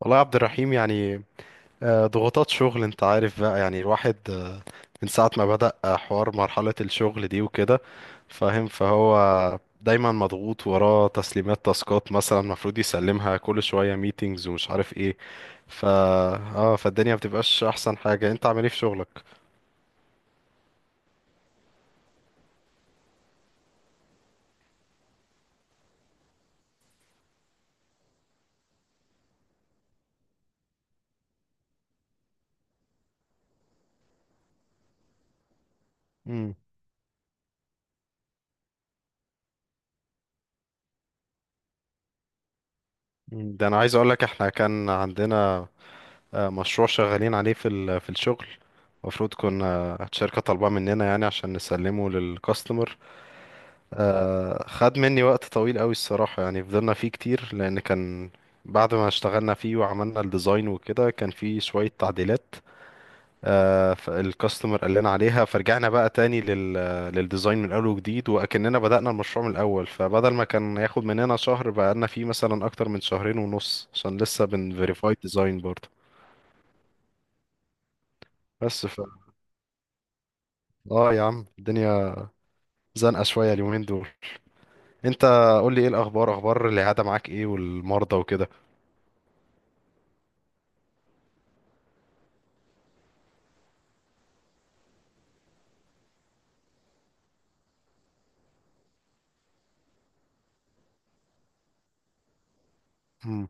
والله يا عبد الرحيم، يعني ضغوطات شغل. انت عارف بقى يعني، الواحد من ساعة ما بدأ حوار مرحلة الشغل دي وكده، فاهم؟ فهو دايما مضغوط وراه تسليمات، تاسكات مثلا المفروض يسلمها كل شوية، ميتينجز ومش عارف ايه. فا اه فالدنيا بتبقاش احسن حاجة. انت عامل ايه في شغلك؟ امم ده انا عايز اقولك، احنا كان عندنا مشروع شغالين عليه في في الشغل. المفروض كنا الشركة طالباه مننا، يعني عشان نسلمه للكاستمر. خد مني وقت طويل قوي الصراحة، يعني فضلنا فيه كتير، لأن كان بعد ما اشتغلنا فيه وعملنا الديزاين وكده، كان فيه شوية تعديلات فالكاستمر قال لنا عليها. فرجعنا بقى تاني للديزاين من أول وجديد، وأكننا بدأنا المشروع من الأول. فبدل ما كان ياخد مننا شهر، بقالنا فيه مثلا أكتر من شهرين ونص، عشان لسه بنفيريفاي ديزاين برضه. بس ف اه يا عم، الدنيا زنقة شوية اليومين دول. انت، قول لي ايه الأخبار؟ أخبار العيادة معاك ايه والمرضى وكده؟ مم.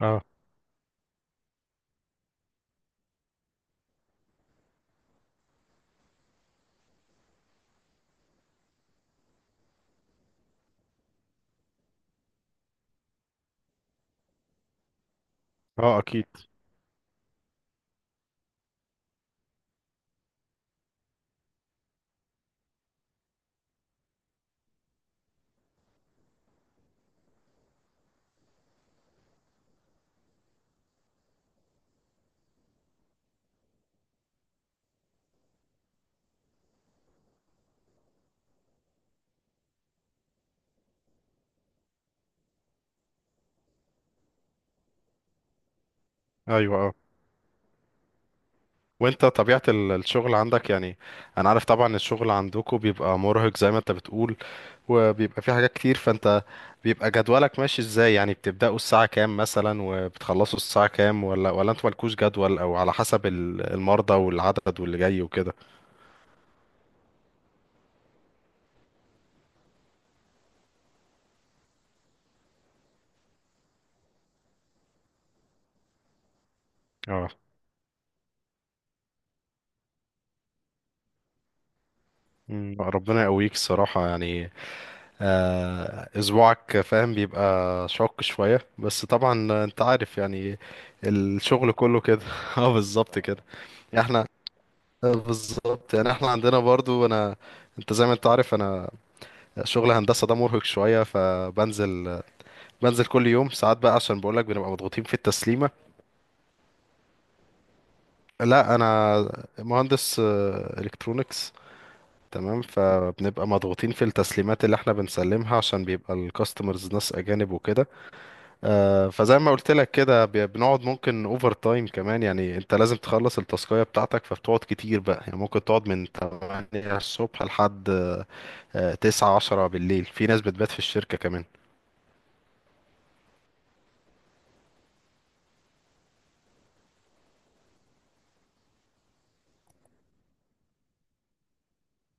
اه، اه، اكيد. ايوه، اه. وانت، طبيعة الشغل عندك يعني؟ انا عارف طبعا الشغل عندكم بيبقى مرهق زي ما انت بتقول، وبيبقى فيه حاجات كتير. فانت، بيبقى جدولك ماشي ازاي يعني؟ بتبدأوا الساعة كام مثلا وبتخلصوا الساعة كام؟ ولا انتوا مالكوش جدول، او على حسب المرضى والعدد واللي جاي وكده؟ اه. ربنا يقويك الصراحة يعني. اسبوعك فاهم بيبقى شاق شوية، بس طبعا انت عارف يعني الشغل كله كده. اه، بالظبط كده. احنا بالظبط، يعني احنا عندنا برضو. انا، انت زي ما انت عارف، انا شغل هندسة ده مرهق شوية، بنزل كل يوم ساعات بقى، عشان بقولك بنبقى مضغوطين في التسليمة. لا، انا مهندس الكترونكس. تمام، فبنبقى مضغوطين في التسليمات اللي احنا بنسلمها، عشان بيبقى الكاستمرز ناس اجانب وكده. فزي ما قلت لك كده، بنقعد ممكن اوفر تايم كمان. يعني انت لازم تخلص التاسكية بتاعتك، فبتقعد كتير بقى، يعني ممكن تقعد من 8 الصبح لحد 9 10 بالليل. في ناس بتبات في الشركة كمان.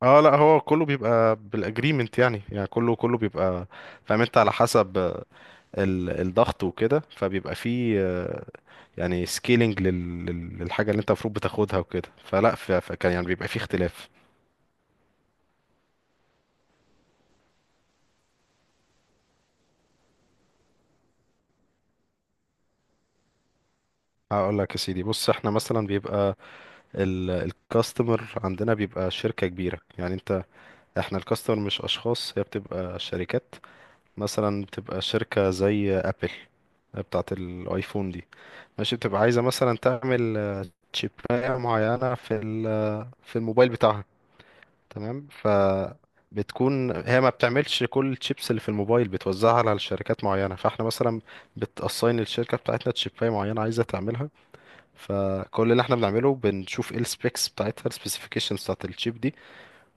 اه لا، هو كله بيبقى بالاجريمنت، يعني كله بيبقى، فاهم انت، على حسب الضغط وكده. فبيبقى فيه يعني سكيلينج للحاجة اللي انت المفروض بتاخدها وكده، فلا. فكان يعني بيبقى فيه اختلاف. هقول لك يا سيدي. بص، احنا مثلا بيبقى الكاستمر عندنا بيبقى شركة كبيرة. يعني انت، احنا الكاستمر مش اشخاص، هي بتبقى شركات. مثلا بتبقى شركة زي ابل بتاعة الايفون دي. ماشي، بتبقى عايزة مثلا تعمل تشيباية معينة في في الموبايل بتاعها، تمام. بتكون هي ما بتعملش كل الشيبس اللي في الموبايل، بتوزعها على شركات معينة. فاحنا مثلا بتأساين الشركة بتاعتنا تشيباية معينة عايزة تعملها. فكل اللي احنا بنعمله، بنشوف ايه السبيكس بتاعتها، السبيسيفيكيشنز بتاعت الشيب.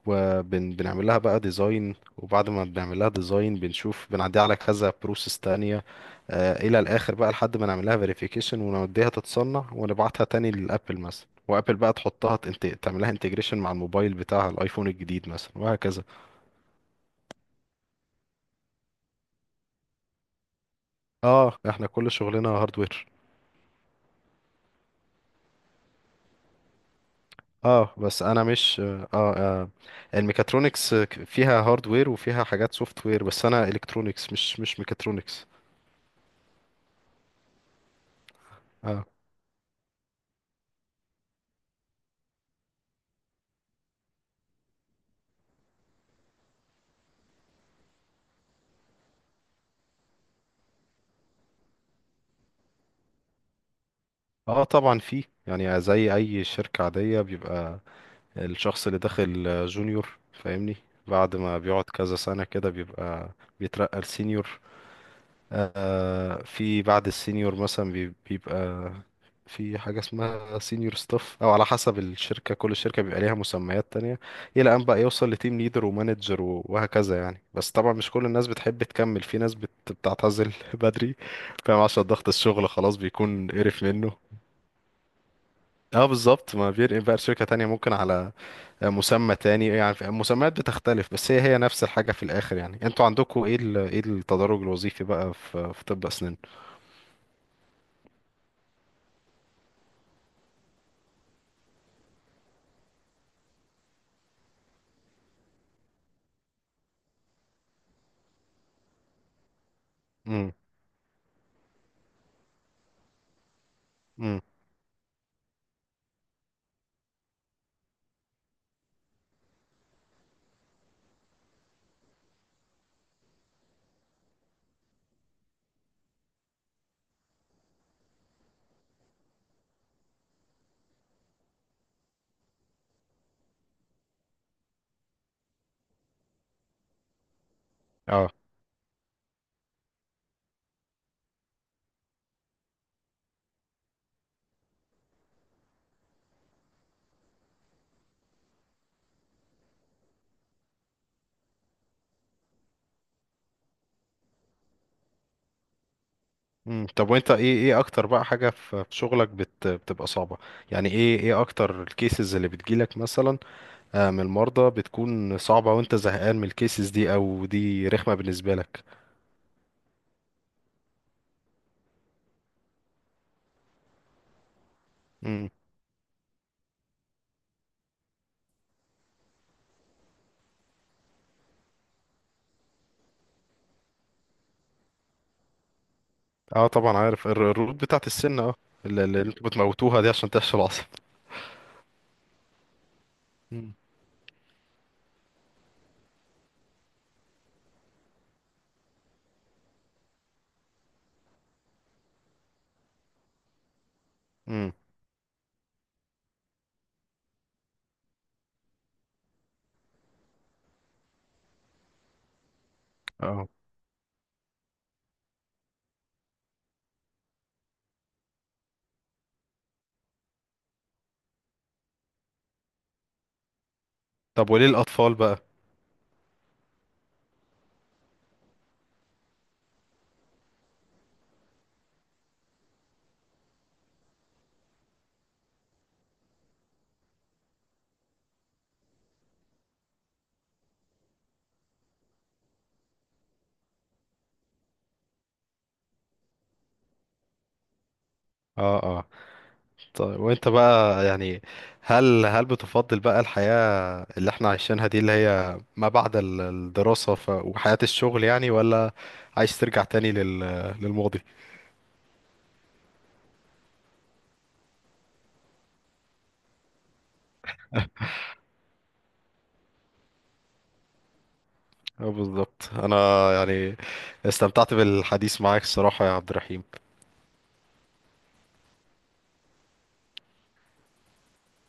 وبنعمل لها بقى ديزاين. وبعد ما بنعمل لها ديزاين، بنشوف بنعديها على كذا بروسيس تانية الى الاخر بقى، لحد ما نعمل لها فيريفيكيشن ونوديها تتصنع، ونبعتها تاني للابل مثلا. وابل بقى تحطها، تعملها انتجريشن مع الموبايل بتاع الايفون الجديد مثلا، وهكذا. اه، احنا كل شغلنا هاردوير. اه، بس انا مش الميكاترونكس فيها هاردوير وفيها حاجات سوفت وير، بس انا الكترونكس، مش ميكاترونكس. اه طبعا فيه. يعني زي اي شركة عادية، بيبقى الشخص اللي داخل جونيور فاهمني، بعد ما بيقعد كذا سنة كده بيبقى بيترقى لسينيور. في بعد السينيور مثلا بيبقى في حاجة اسمها سينيور ستاف، او على حسب الشركة، كل شركة بيبقى ليها مسميات تانية، الى ان بقى يوصل لتيم ليدر ومانجر وهكذا يعني. بس طبعا مش كل الناس بتحب تكمل، في ناس بتعتزل بدري، فاهم، عشان ضغط الشغل خلاص بيكون قرف منه. اه بالظبط، ما بيرقم بقى لشركة تانية، ممكن على مسمى تاني، يعني المسميات بتختلف، بس هي هي نفس الحاجة في الآخر. يعني انتوا عندكم ايه، ايه التدرج الوظيفي بقى في طب أسنان؟ امم. امم. اه. امم. طب وانت، ايه اكتر بقى حاجة في شغلك بتبقى صعبة؟ يعني، ايه اكتر الكيسز اللي بتجيلك مثلا من المرضى، بتكون صعبة، وانت زهقان من الكيسز دي، او دي رخمة بالنسبة لك؟ امم. اه، طبعا عارف الروت بتاعت السن، اه. اللي انتوا بتموتوها دي عشان تحشي العصب. امم. اه. طب وليه الأطفال بقى؟ اه. اه، طيب وانت بقى يعني، هل بتفضل بقى الحياة اللي احنا عايشينها دي، اللي هي ما بعد الدراسة، وحياة الشغل يعني، ولا عايز ترجع تاني للماضي؟ اه بالظبط. انا يعني استمتعت بالحديث معاك الصراحة يا عبد الرحيم.